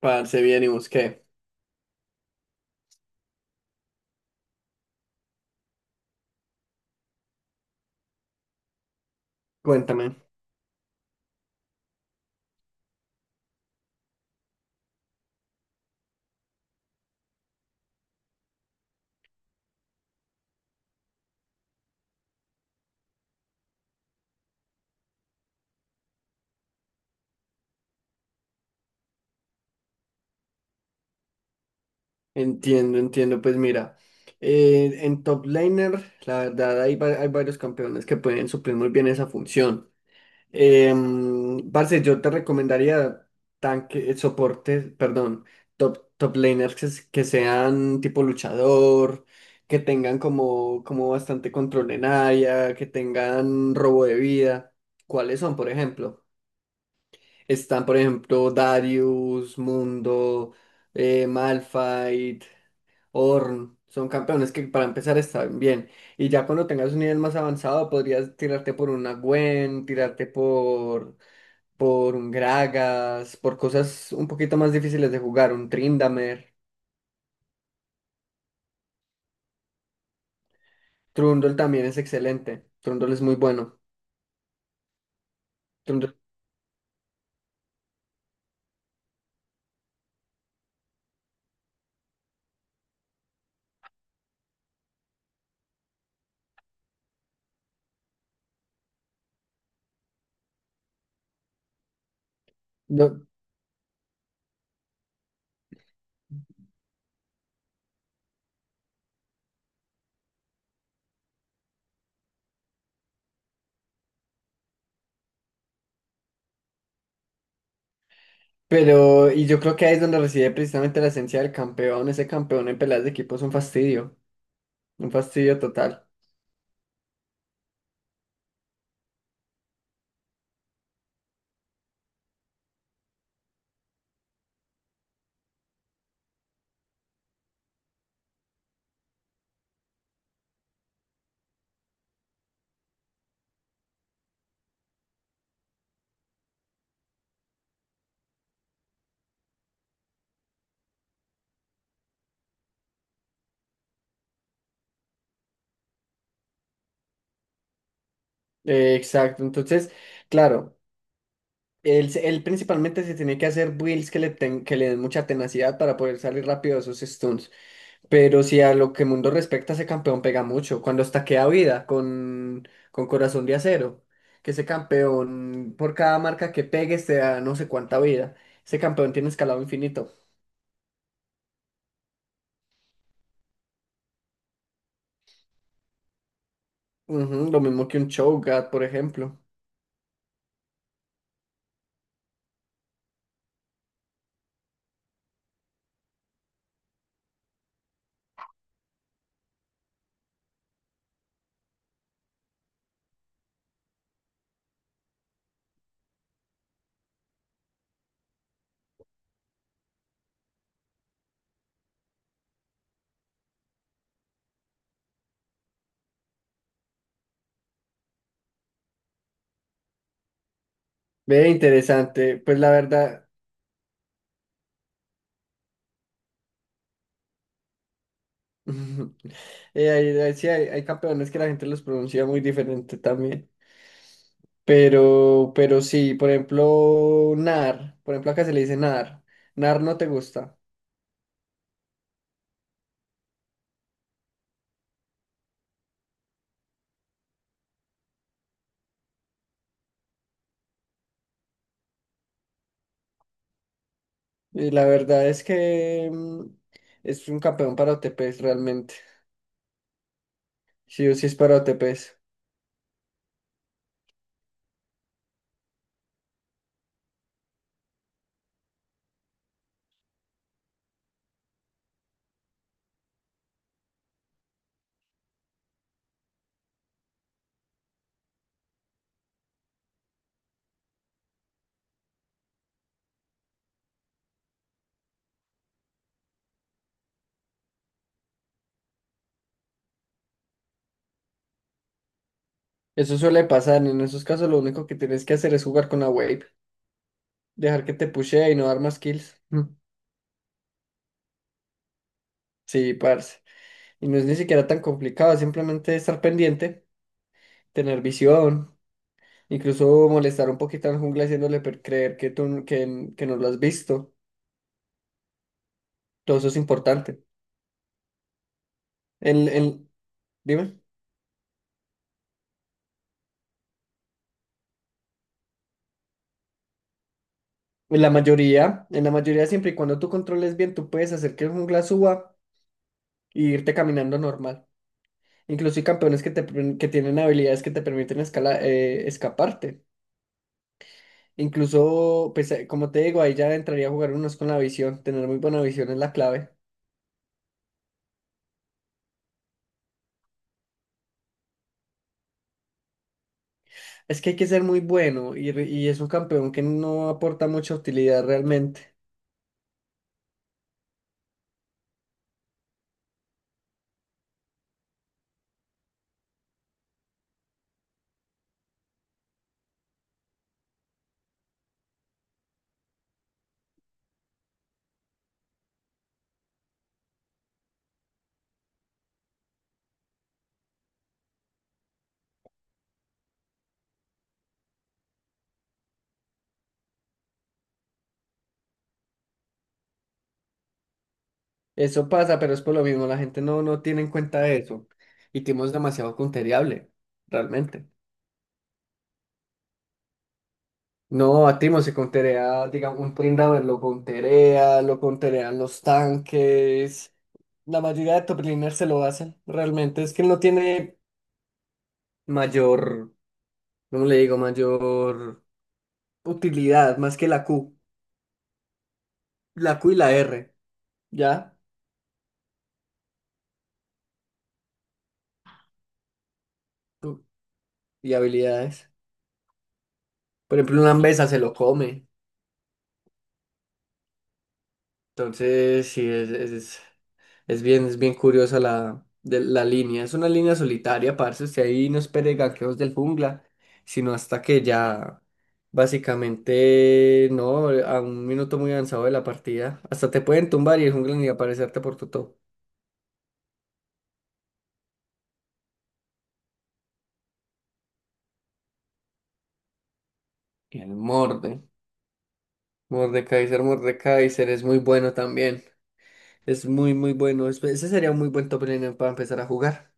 Parce, bien, ¿y vos qué? Cuéntame. Entiendo, entiendo. Pues mira, en top laner, la verdad, hay varios campeones que pueden suplir muy bien esa función. Parce, yo te recomendaría tanque, soportes, perdón, top, top laners que sean tipo luchador, que tengan como, como bastante control en área, que tengan robo de vida. ¿Cuáles son, por ejemplo? Están, por ejemplo, Darius, Mundo, Malphite, Ornn. Son campeones que para empezar están bien. Y ya cuando tengas un nivel más avanzado, podrías tirarte por una Gwen, tirarte por un Gragas, por cosas un poquito más difíciles de jugar, un Trindamer. Trundle también es excelente. Trundle es muy bueno. Trundle- no, pero, y yo creo que ahí es donde reside precisamente la esencia del campeón. Ese campeón en peleas de equipo es un fastidio total. Exacto, entonces, claro, él principalmente se tiene que hacer builds que le den mucha tenacidad para poder salir rápido de esos stuns. Pero si a lo que Mundo respecta, ese campeón pega mucho. Cuando estaquea vida con Corazón de Acero, que ese campeón, por cada marca que pegues, te da no sé cuánta vida. Ese campeón tiene escalado infinito. Ujú, lo mismo que un Cho'Gath, por ejemplo. Ve, interesante. Pues la verdad. Ujú. Sí, hay campeones que la gente los pronuncia muy diferente también. Pero sí, por ejemplo, Nar. Por ejemplo, acá se le dice Nar. Nar no te gusta. Y la verdad es que es un campeón para OTPs realmente. Sí o sí es para OTPs. Eso suele pasar. En esos casos lo único que tienes que hacer es jugar con la wave. Dejar que te pushee y no dar más kills. Mm. Sí, parce. Y no es ni siquiera tan complicado, simplemente estar pendiente, tener visión. Incluso molestar un poquito al jungla creer que no lo has visto. Todo eso es importante. En, en- Dime, en la mayoría siempre y cuando tú controles bien, tú puedes hacer que el jungla suba e irte caminando normal. Incluso hay campeones que tienen habilidades que te permiten escaparte. Incluso, pues, como te digo, ahí ya entraría a jugar unos con la visión. Tener muy buena visión es la clave. Es que hay que ser muy bueno y es un campeón que no aporta mucha utilidad realmente. Eso pasa, pero es por lo mismo, la gente no tiene en cuenta eso. Y Timo es demasiado contereable, realmente. No, a Timo se conterea, digamos, un Prindaver lo conterea, lo conterean los tanques. La mayoría de top laners se lo hacen, realmente. Es que él no tiene mayor, ¿cómo le digo? Mayor utilidad, más que la Q. La Q y la R, ¿ya? Y habilidades. Por ejemplo, una Ambesa se lo come. Entonces, sí, es bien, es bien curiosa la línea. Es una línea solitaria, parce. Usted ahí no espere ganqueos del jungla, sino hasta que ya básicamente no, a un minuto muy avanzado de la partida. Hasta te pueden tumbar y el jungla ni aparecerte por tu top. Y el morde. Mordekaiser es muy bueno también. Es muy, muy bueno. Ese sería un muy buen top laner para empezar a jugar.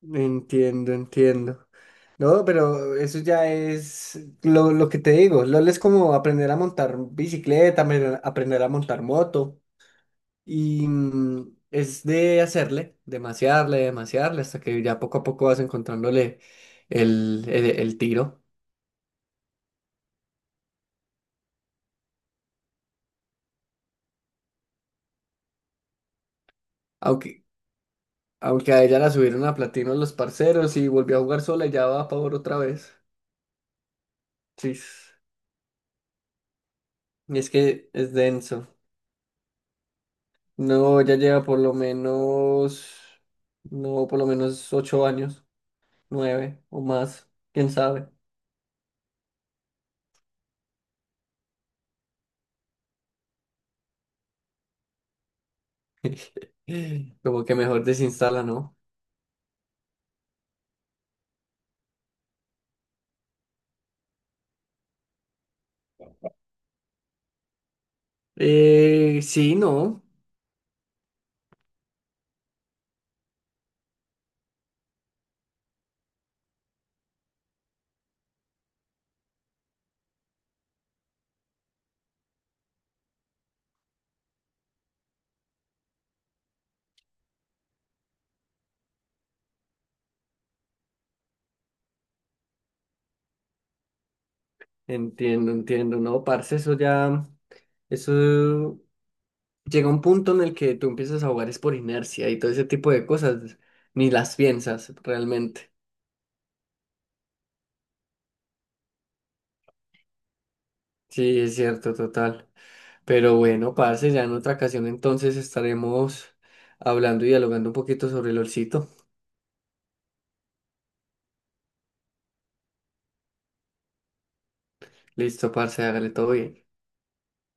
Entiendo, entiendo. No, pero eso ya es lo que te digo. LOL es como aprender a montar bicicleta, aprender a montar moto. Y es de hacerle, de masearle, hasta que ya poco a poco vas encontrándole el tiro. Aunque, aunque a ella la subieron a platino los parceros y volvió a jugar sola y ya va a favor otra vez. Sí. Y es que es denso. No, ya lleva por lo menos, no, por lo menos ocho años, nueve o más, quién sabe. Como que mejor desinstala, ¿no? Sí, no, entiendo, entiendo, no, parce, eso ya, eso llega un punto en el que tú empiezas a jugar es por inercia y todo ese tipo de cosas, ni las piensas realmente. Sí, es cierto, total. Pero bueno, parce, ya en otra ocasión entonces estaremos hablando y dialogando un poquito sobre el olcito. Listo, parce, hágale todo bien.